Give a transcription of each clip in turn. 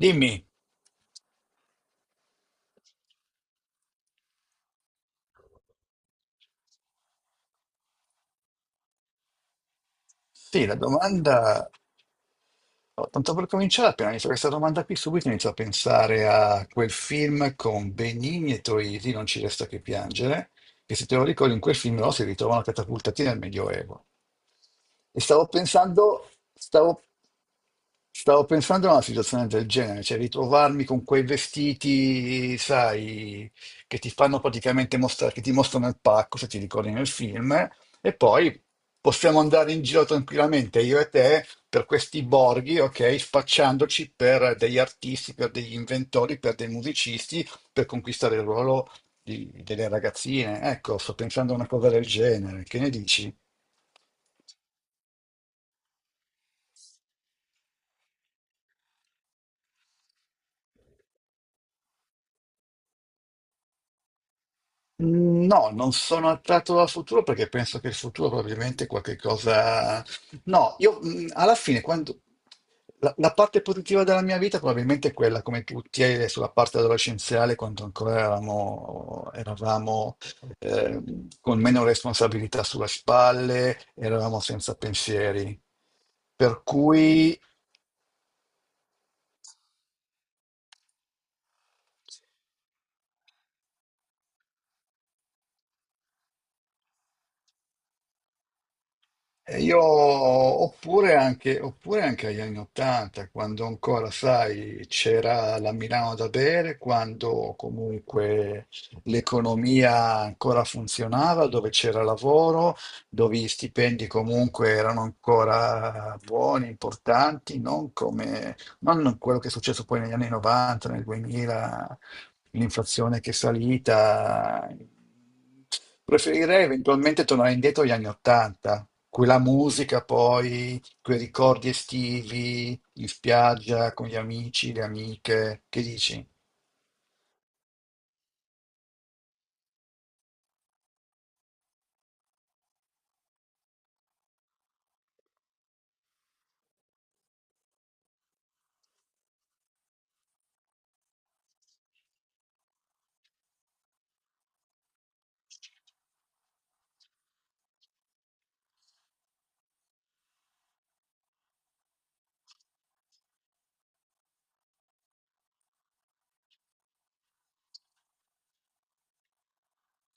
Dimmi, sì, la domanda, oh, tanto per cominciare, appena inizio questa domanda qui, subito inizio a pensare a quel film con Benigni e Troisi, Non ci resta che piangere, che se te lo ricordi in quel film loro si ritrovano catapultati nel Medioevo. E stavo pensando, stavo pensando a una situazione del genere, cioè ritrovarmi con quei vestiti, sai, che ti fanno praticamente mostrare, che ti mostrano il pacco, se ti ricordi nel film. E poi possiamo andare in giro tranquillamente, io e te, per questi borghi, ok? Spacciandoci per degli artisti, per degli inventori, per dei musicisti, per conquistare il ruolo delle ragazzine. Ecco, sto pensando a una cosa del genere. Che ne dici? No, non sono attratto dal futuro perché penso che il futuro probabilmente è qualche cosa... No, io alla fine, quando... la parte positiva della mia vita probabilmente è quella, come tutti, è sulla parte adolescenziale, quando ancora eravamo, eh, con meno responsabilità sulle spalle, eravamo senza pensieri. Per cui... E io, oppure anche agli anni Ottanta, quando ancora, sai, c'era la Milano da bere, quando comunque l'economia ancora funzionava, dove c'era lavoro, dove gli stipendi comunque erano ancora buoni, importanti, non come, non quello che è successo poi negli anni 90, nel 2000, l'inflazione che è salita. Preferirei eventualmente tornare indietro agli anni 80, quella musica poi, quei ricordi estivi in spiaggia con gli amici, le amiche, che dici?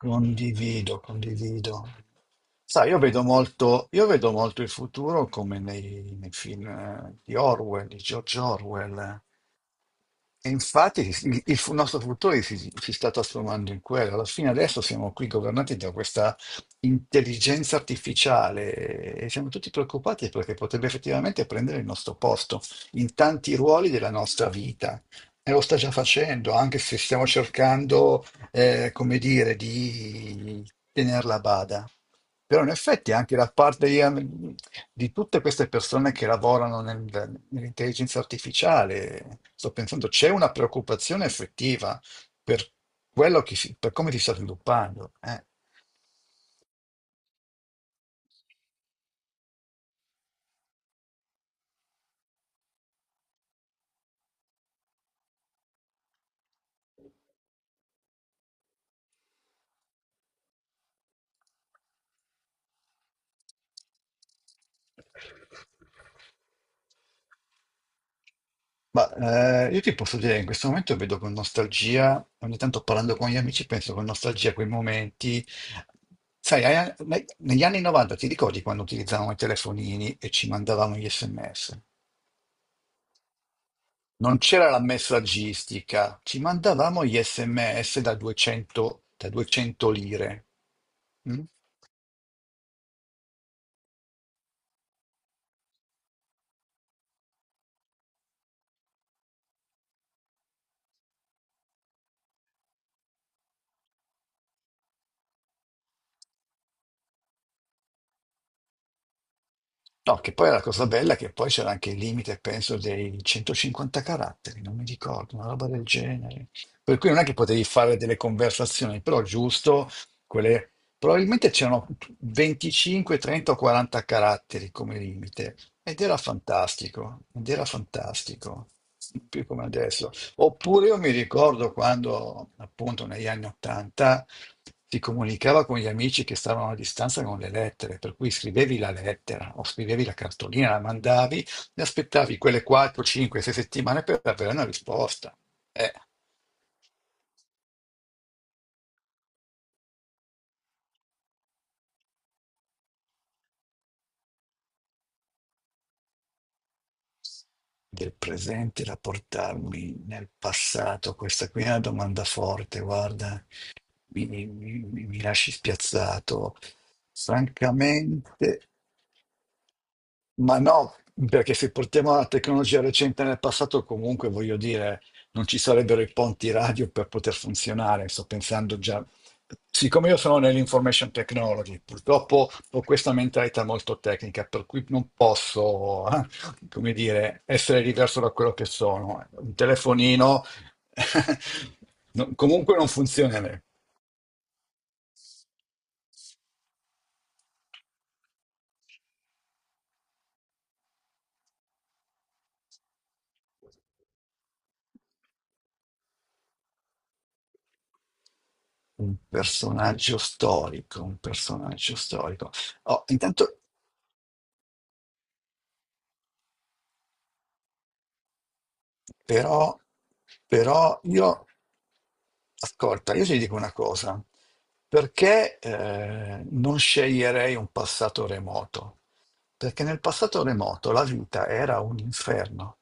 Condivido, condivido. Sai, io vedo molto il futuro come nei film di Orwell, di George Orwell. E infatti il nostro futuro si sta trasformando in quello. Alla fine adesso siamo qui governati da questa intelligenza artificiale e siamo tutti preoccupati perché potrebbe effettivamente prendere il nostro posto in tanti ruoli della nostra vita. E lo sta già facendo, anche se stiamo cercando come dire, di tenerla a bada. Però in effetti anche da parte di tutte queste persone che lavorano nell'intelligenza artificiale, sto pensando, c'è una preoccupazione effettiva per per come si sta sviluppando. Ma io ti posso dire che in questo momento vedo con nostalgia, ogni tanto parlando con gli amici, penso con nostalgia a quei momenti. Sai, negli anni 90 ti ricordi quando utilizzavamo i telefonini e ci mandavamo gli SMS? Non c'era la messaggistica, ci mandavamo gli SMS da 200, da 200 lire. Mm? No, che poi è la cosa bella, è che poi c'era anche il limite, penso, dei 150 caratteri, non mi ricordo, una roba del genere. Per cui non è che potevi fare delle conversazioni, però giusto, quelle... probabilmente c'erano 25, 30 o 40 caratteri come limite, ed era fantastico, non più come adesso. Oppure io mi ricordo quando, appunto, negli anni 80 si comunicava con gli amici che stavano a distanza con le lettere, per cui scrivevi la lettera o scrivevi la cartolina, la mandavi e aspettavi quelle 4, 5, 6 settimane per avere una risposta. Eh, Del presente da portarmi nel passato, questa qui è una domanda forte, guarda, mi lasci spiazzato. Francamente, ma no, perché se portiamo la tecnologia recente nel passato, comunque voglio dire, non ci sarebbero i ponti radio per poter funzionare. Sto pensando già, siccome io sono nell'information technology, purtroppo ho questa mentalità molto tecnica, per cui non posso, come dire, essere diverso da quello che sono. Un telefonino, comunque non funzionerebbe. Un personaggio storico, un personaggio storico. Oh, intanto. Però, però io, ascolta, io ti dico una cosa, perché non sceglierei un passato remoto? Perché nel passato remoto la vita era un inferno,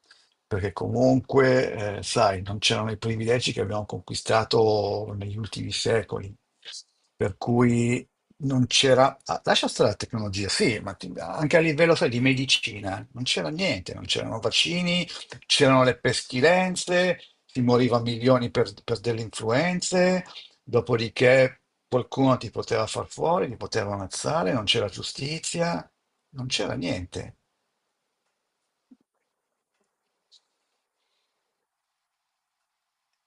perché comunque, sai, non c'erano i privilegi che abbiamo conquistato negli ultimi secoli, per cui non c'era, ah, lascia stare la tecnologia, sì, ma anche a livello, sai, di medicina, non c'era niente, non c'erano vaccini, c'erano le pestilenze, si moriva a milioni per delle influenze, dopodiché qualcuno ti poteva far fuori, ti poteva ammazzare, non c'era giustizia, non c'era niente.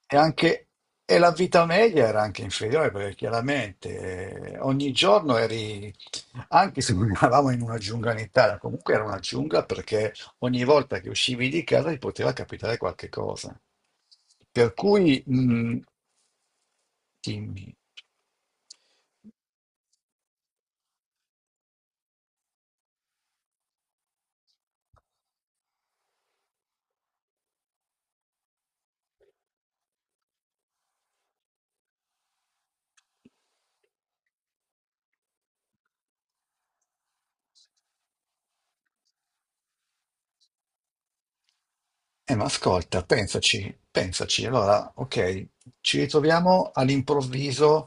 E, anche, e la vita media era anche inferiore perché chiaramente ogni giorno eri, anche se non eravamo in una giungla in Italia, comunque era una giungla perché ogni volta che uscivi di casa ti poteva capitare qualche cosa. Per cui. Dimmi. Ma ascolta, pensaci, pensaci. Allora, ok, ci ritroviamo all'improvviso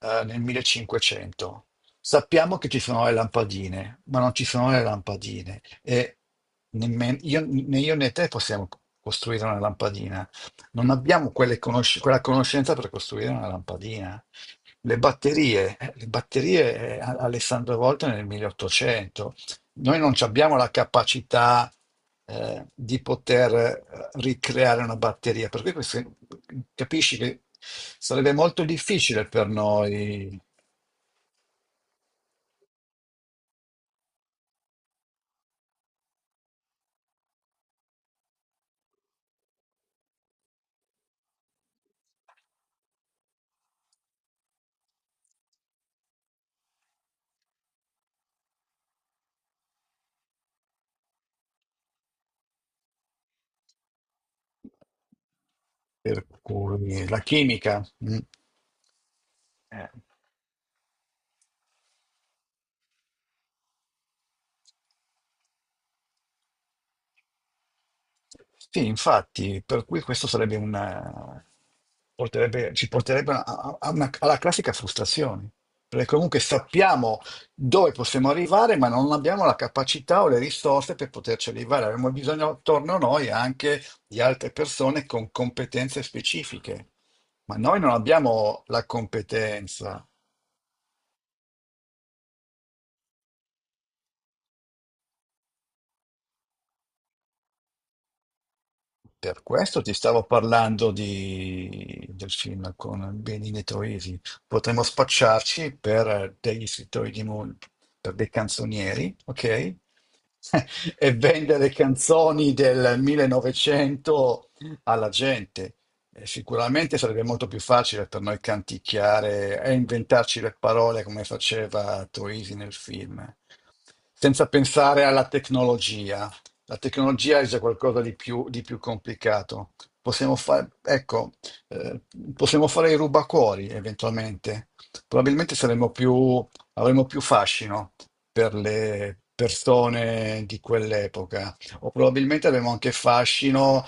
nel 1500. Sappiamo che ci sono le lampadine, ma non ci sono le lampadine e né io né te possiamo costruire una lampadina. Non abbiamo quella conoscenza per costruire una lampadina. Le batterie, Alessandro Volta nel 1800. Noi non ci abbiamo la capacità di poter ricreare una batteria, per cui capisci che sarebbe molto difficile per noi, per cui la chimica. Mm. Sì, infatti, per cui questo sarebbe una, porterebbe- ci porterebbe alla classica frustrazione, perché comunque sappiamo dove possiamo arrivare, ma non abbiamo la capacità o le risorse per poterci arrivare. Abbiamo bisogno attorno a noi anche di altre persone con competenze specifiche, ma noi non abbiamo la competenza. Per questo ti stavo parlando del film con Benedetto Isi. Potremmo spacciarci per degli scrittori di mu- per dei canzonieri, ok? E vendere canzoni del 1900 alla gente. E sicuramente sarebbe molto più facile per noi canticchiare e inventarci le parole come faceva Troisi nel film, senza pensare alla tecnologia. La tecnologia è già qualcosa di più complicato. Possiamo fare, ecco, eh, possiamo fare i rubacuori eventualmente. Probabilmente avremo più fascino per le persone di quell'epoca, o probabilmente avremo anche fascino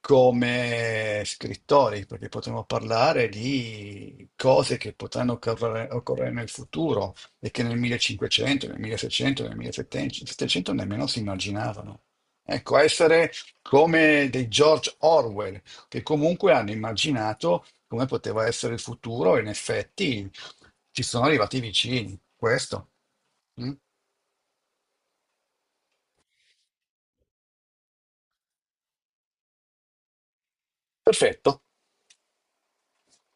come scrittori, perché potremmo parlare di cose che potranno occorrere nel futuro e che nel 1500, nel 1600, nel 1700 nemmeno si immaginavano. Ecco, essere come dei George Orwell, che comunque hanno immaginato come poteva essere il futuro e in effetti ci sono arrivati vicini. Questo. Mm? Perfetto.